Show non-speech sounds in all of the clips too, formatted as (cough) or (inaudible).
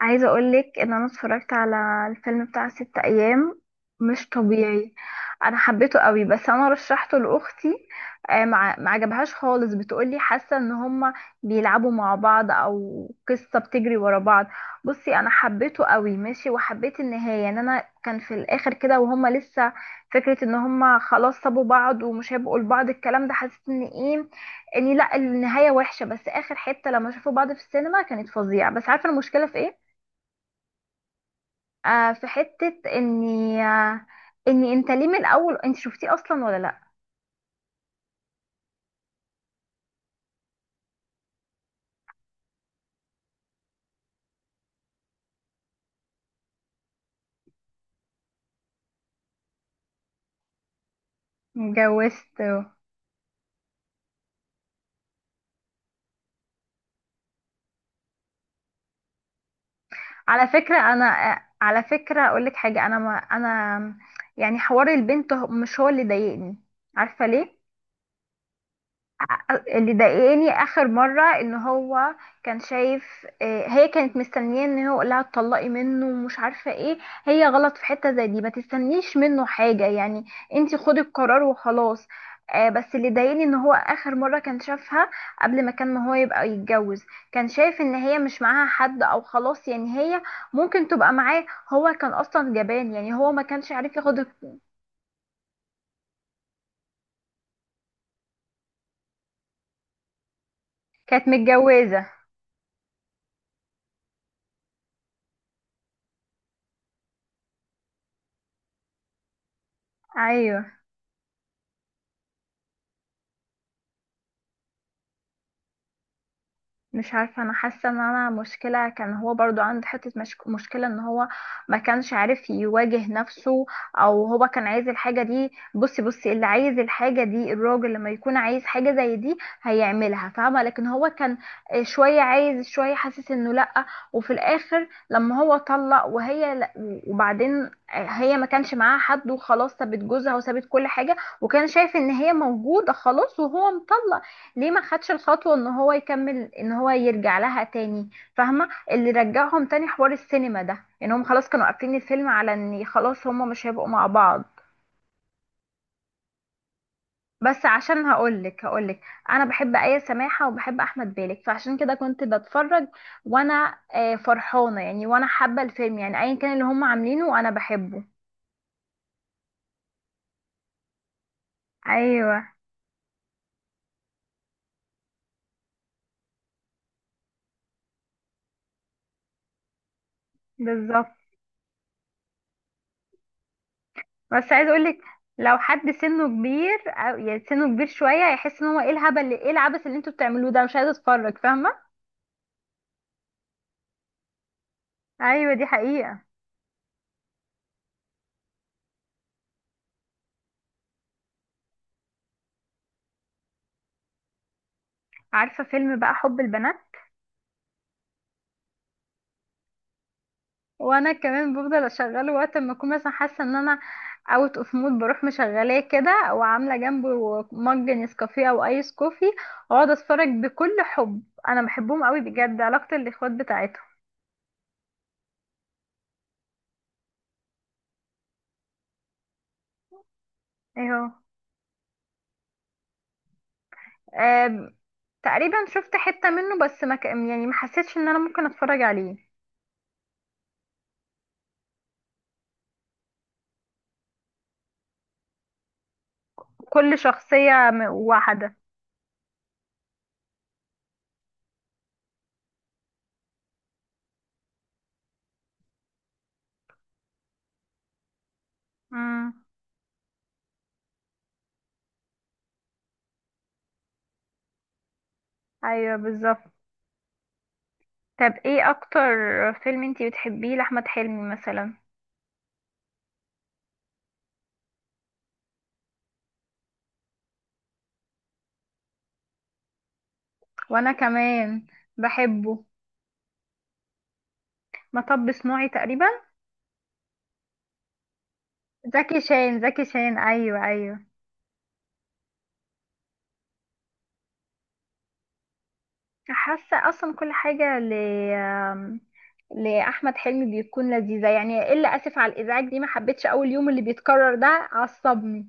عايزة اقولك ان انا اتفرجت على الفيلم بتاع 6 ايام. مش طبيعي. انا حبيته قوي، بس انا رشحته لاختي. مع ما عجبهاش خالص، بتقولي حاسة ان هما بيلعبوا مع بعض او قصة بتجري ورا بعض. بصي، انا حبيته قوي، ماشي، وحبيت النهاية ان انا كان في الاخر كده وهما لسه فكرة ان هما خلاص سابوا بعض ومش هيبقوا لبعض. الكلام ده حسيت ان ايه، اني لا النهاية وحشة، بس اخر حتة لما شافوا بعض في السينما كانت فظيعة. بس عارفة المشكلة في ايه؟ في حتة اني انت ليه من الاول؟ انت شفتيه اصلا ولا لا؟ اتجوزت. على فكرة انا، على فكرة اقول لك حاجة، انا ما انا يعني. حوار البنت مش هو اللي ضايقني. عارفة ليه؟ اللي ضايقني اخر مره ان هو كان شايف، هي كانت مستنيه ان هو يقول لها اتطلقي منه ومش عارفه ايه. هي غلط في حته زي دي ما تستنيش منه حاجه يعني، انتي خدي القرار وخلاص. بس اللي ضايقني ان هو اخر مره كان شافها قبل ما كان ما هو يبقى يتجوز، كان شايف ان هي مش معاها حد او خلاص، يعني هي ممكن تبقى معاه. هو كان اصلا جبان، يعني هو ما كانش عارف ياخد. كانت متجوزه، ايوه. مش عارفة، أنا حاسة إن أنا مشكلة كان هو برضو عنده حتة مشكلة إن هو ما كانش عارف يواجه نفسه، أو هو كان عايز الحاجة دي. بصي بصي، اللي عايز الحاجة دي الراجل لما يكون عايز حاجة زي دي هيعملها، فاهمة؟ لكن هو كان شوية عايز شوية حاسس إنه لأ. وفي الآخر لما هو طلق وهي لا، وبعدين هي ما كانش معاها حد وخلاص، سابت جوزها وسابت كل حاجة، وكان شايف إن هي موجودة خلاص وهو مطلق. ليه ما خدش الخطوة ان هو يكمل، ان هو يرجع لها تاني؟ فاهمة اللي رجعهم تاني؟ حوار السينما ده، ان هم خلاص كانوا قافلين الفيلم على ان خلاص هم مش هيبقوا مع بعض. بس عشان هقولك، انا بحب آية سماحة وبحب احمد بالك، فعشان كده كنت بتفرج وانا فرحانة يعني، وانا حابة الفيلم، يعني ايا كان اللي هم عاملينه انا بحبه. ايوه، بالظبط. بس عايز اقولك، لو حد سنه كبير او يعني سنه كبير شويه هيحس ان هو ايه الهبل اللي ايه العبث اللي انتوا بتعملوه ده، مش عايزه اتفرج، فاهمه. ايوه دي حقيقه. عارفه فيلم بقى حب البنات؟ وانا كمان بفضل اشغله وقت ما اكون مثلا حاسه ان انا اوت اوف مود، بروح مشغلاه كده وعامله جنبه مج نسكافيه او ايس كوفي واقعد اتفرج بكل حب. انا بحبهم قوي بجد، علاقه الاخوات بتاعتهم. ايوه. آم، تقريبا شفت حته منه، بس ما ك- يعني ما حسيتش ان انا ممكن اتفرج عليه. كل شخصية واحدة. امم، ايوه بالظبط. طب ايه اكتر فيلم انتي بتحبيه لاحمد حلمي مثلا؟ وانا كمان بحبه. مطب صناعي تقريبا. زكي شان زكي شان، ايوه ايوه. حاسه اصلا كل حاجه ل آم، لاحمد حلمي بيكون لذيذه، يعني الا اسف على الازعاج دي ما حبيتش، اول يوم اللي بيتكرر ده عصبني.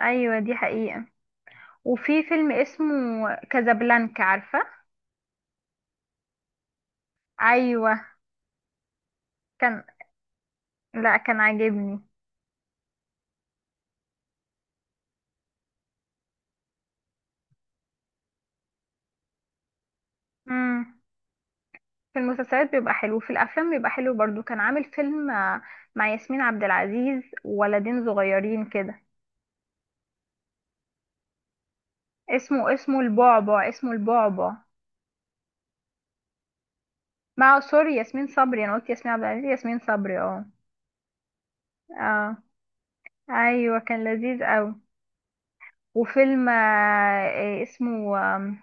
ايوه دي حقيقه. وفي فيلم اسمه كازابلانكا، عارفه؟ ايوه. كان، لا كان عاجبني. امم. في المسلسلات بيبقى حلو، في الافلام بيبقى حلو برضو. كان عامل فيلم مع ياسمين عبد العزيز وولدين صغيرين كده. اسمه البعبع، اسمه البعبع. مع سوري ياسمين صبري، انا قلت ياسمين عبد العزيز، ياسمين صبري، اه اه. ايوه كان لذيذ قوي. وفيلم إيه اسمه،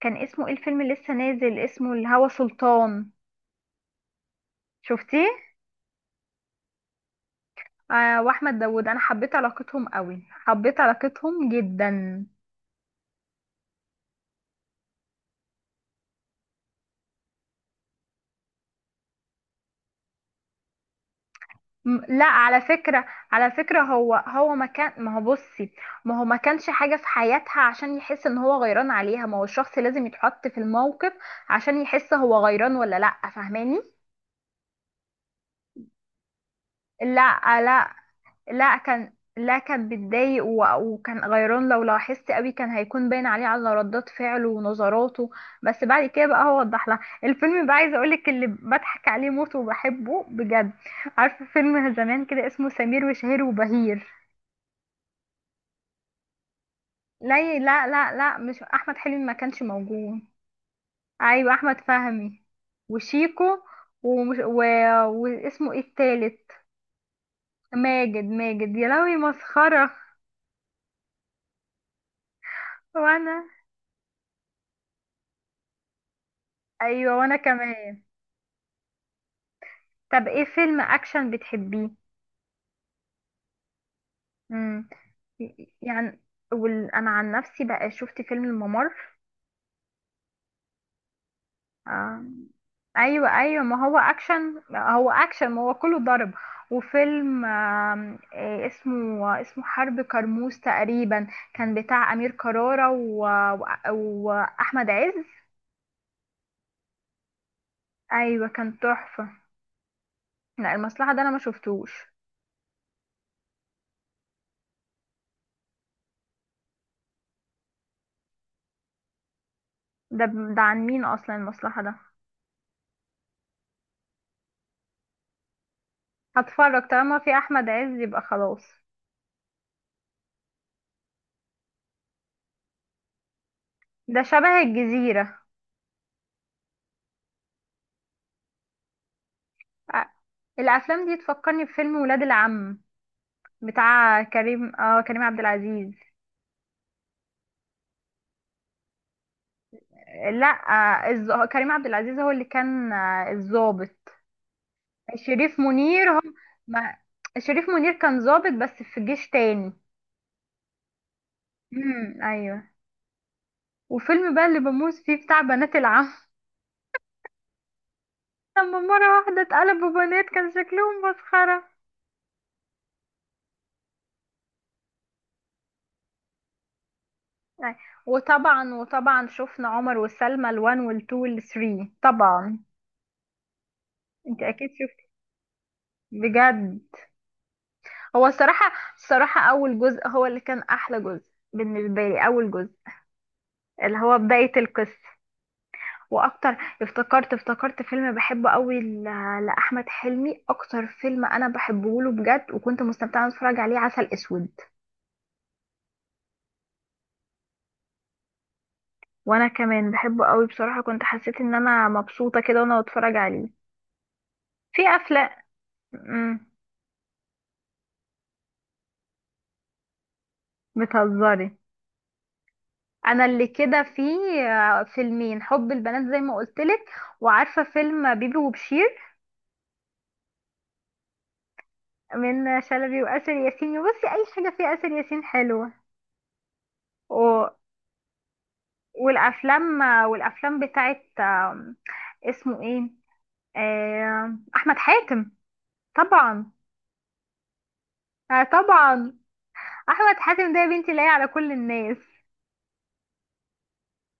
كان اسمه ايه الفيلم اللي لسه نازل؟ اسمه الهوى سلطان. شفتيه؟ آه، واحمد داوود، انا حبيت علاقتهم قوي، حبيت علاقتهم جدا. لا، على فكرة، على فكرة هو ما كان ما هو بصي، ما هو ما كانش حاجة في حياتها عشان يحس ان هو غيران عليها. ما هو الشخص لازم يتحط في الموقف عشان يحس هو غيران ولا لا، فاهماني؟ لا لا لا، كان، لا كان بيتضايق وكان غيران. لو لاحظت قوي كان هيكون باين عليه على ردات فعله ونظراته. بس بعد كده بقى هو وضح لها. الفيلم بقى عايزه اقولك اللي بضحك عليه موت وبحبه بجد، عارفه فيلم زمان كده اسمه سمير وشهير وبهير؟ لا لا لا لا، مش احمد حلمي ما كانش موجود. ايوه، احمد فهمي وشيكو ومش واسمه ايه التالت؟ ماجد، ماجد، يا لهوي مسخرة. وانا، ايوه وانا كمان. طب ايه فيلم اكشن بتحبيه؟ امم، يعني، انا عن نفسي بقى شفت فيلم الممر. آه، ايوه ايوه، ما هو اكشن، هو اكشن، ما هو كله ضرب. وفيلم إيه اسمه، اسمه حرب كرموز تقريبا. كان بتاع امير كرارة و... واحمد عز. ايوه، كان تحفة. لا، المصلحة ده انا ما شفتوش. ده ده عن مين اصلا المصلحة ده؟ هتفرج طالما في احمد عز يبقى خلاص. ده شبه الجزيرة. أ- الافلام دي تفكرني بفيلم ولاد العم، بتاع كريم، كريم عبد العزيز. لا، كريم عبد العزيز هو اللي كان، الضابط. شريف منير هم، ما شريف منير كان ضابط بس في جيش تاني. امم، ايوه. وفيلم بقى اللي بموت فيه بتاع بنات العم. (laughs) لما مرة واحدة اتقلبوا بنات كان شكلهم مسخرة. أي. وطبعا شفنا عمر وسلمى الوان والتو والثري طبعا. انت اكيد شفتي؟ بجد؟ هو الصراحة، اول جزء هو اللي كان احلى جزء بالنسبة لي، اول جزء اللي هو بداية القصة. واكتر، افتكرت فيلم بحبه قوي، لاحمد حلمي اكتر فيلم انا بحبه له بجد، وكنت مستمتعه وانا بتفرج عليه، عسل اسود. وانا كمان بحبه قوي بصراحه، كنت حسيت ان انا مبسوطه كده وانا بتفرج عليه. في افلام. امم. بتهزري؟ انا اللي كده، في فيلمين حب البنات زي ما قلت لك، وعارفه فيلم بيبي وبشير، من شلبي واسر ياسين. بصي اي حاجه فيها اسر ياسين حلوه. والافلام والافلام بتاعت اسمه ايه، احمد حاتم طبعا. طبعا، احمد حاتم ده يا بنتي لاقي على كل الناس.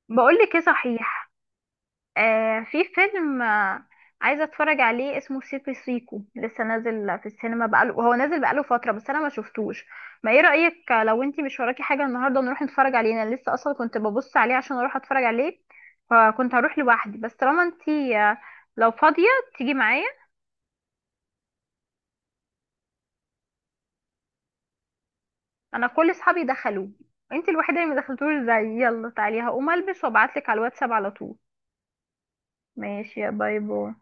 بقول لك ايه صحيح، في فيلم عايزة اتفرج عليه اسمه سيكو سيكو، لسه نازل في السينما بقاله، هو نازل بقاله فترة بس انا ما شفتوش. ما ايه رأيك لو انتي مش وراكي حاجة النهاردة نروح نتفرج عليه؟ انا لسه اصلا كنت ببص عليه عشان اروح اتفرج عليه، فكنت هروح لوحدي، بس طالما انتي لو فاضية تيجي معايا. انا كل اصحابي دخلوه، انتي الوحيدة اللي ما دخلتوش، زي يلا تعالي، هقوم البس وابعتلك على الواتساب على طول. ماشي، يا، باي باي.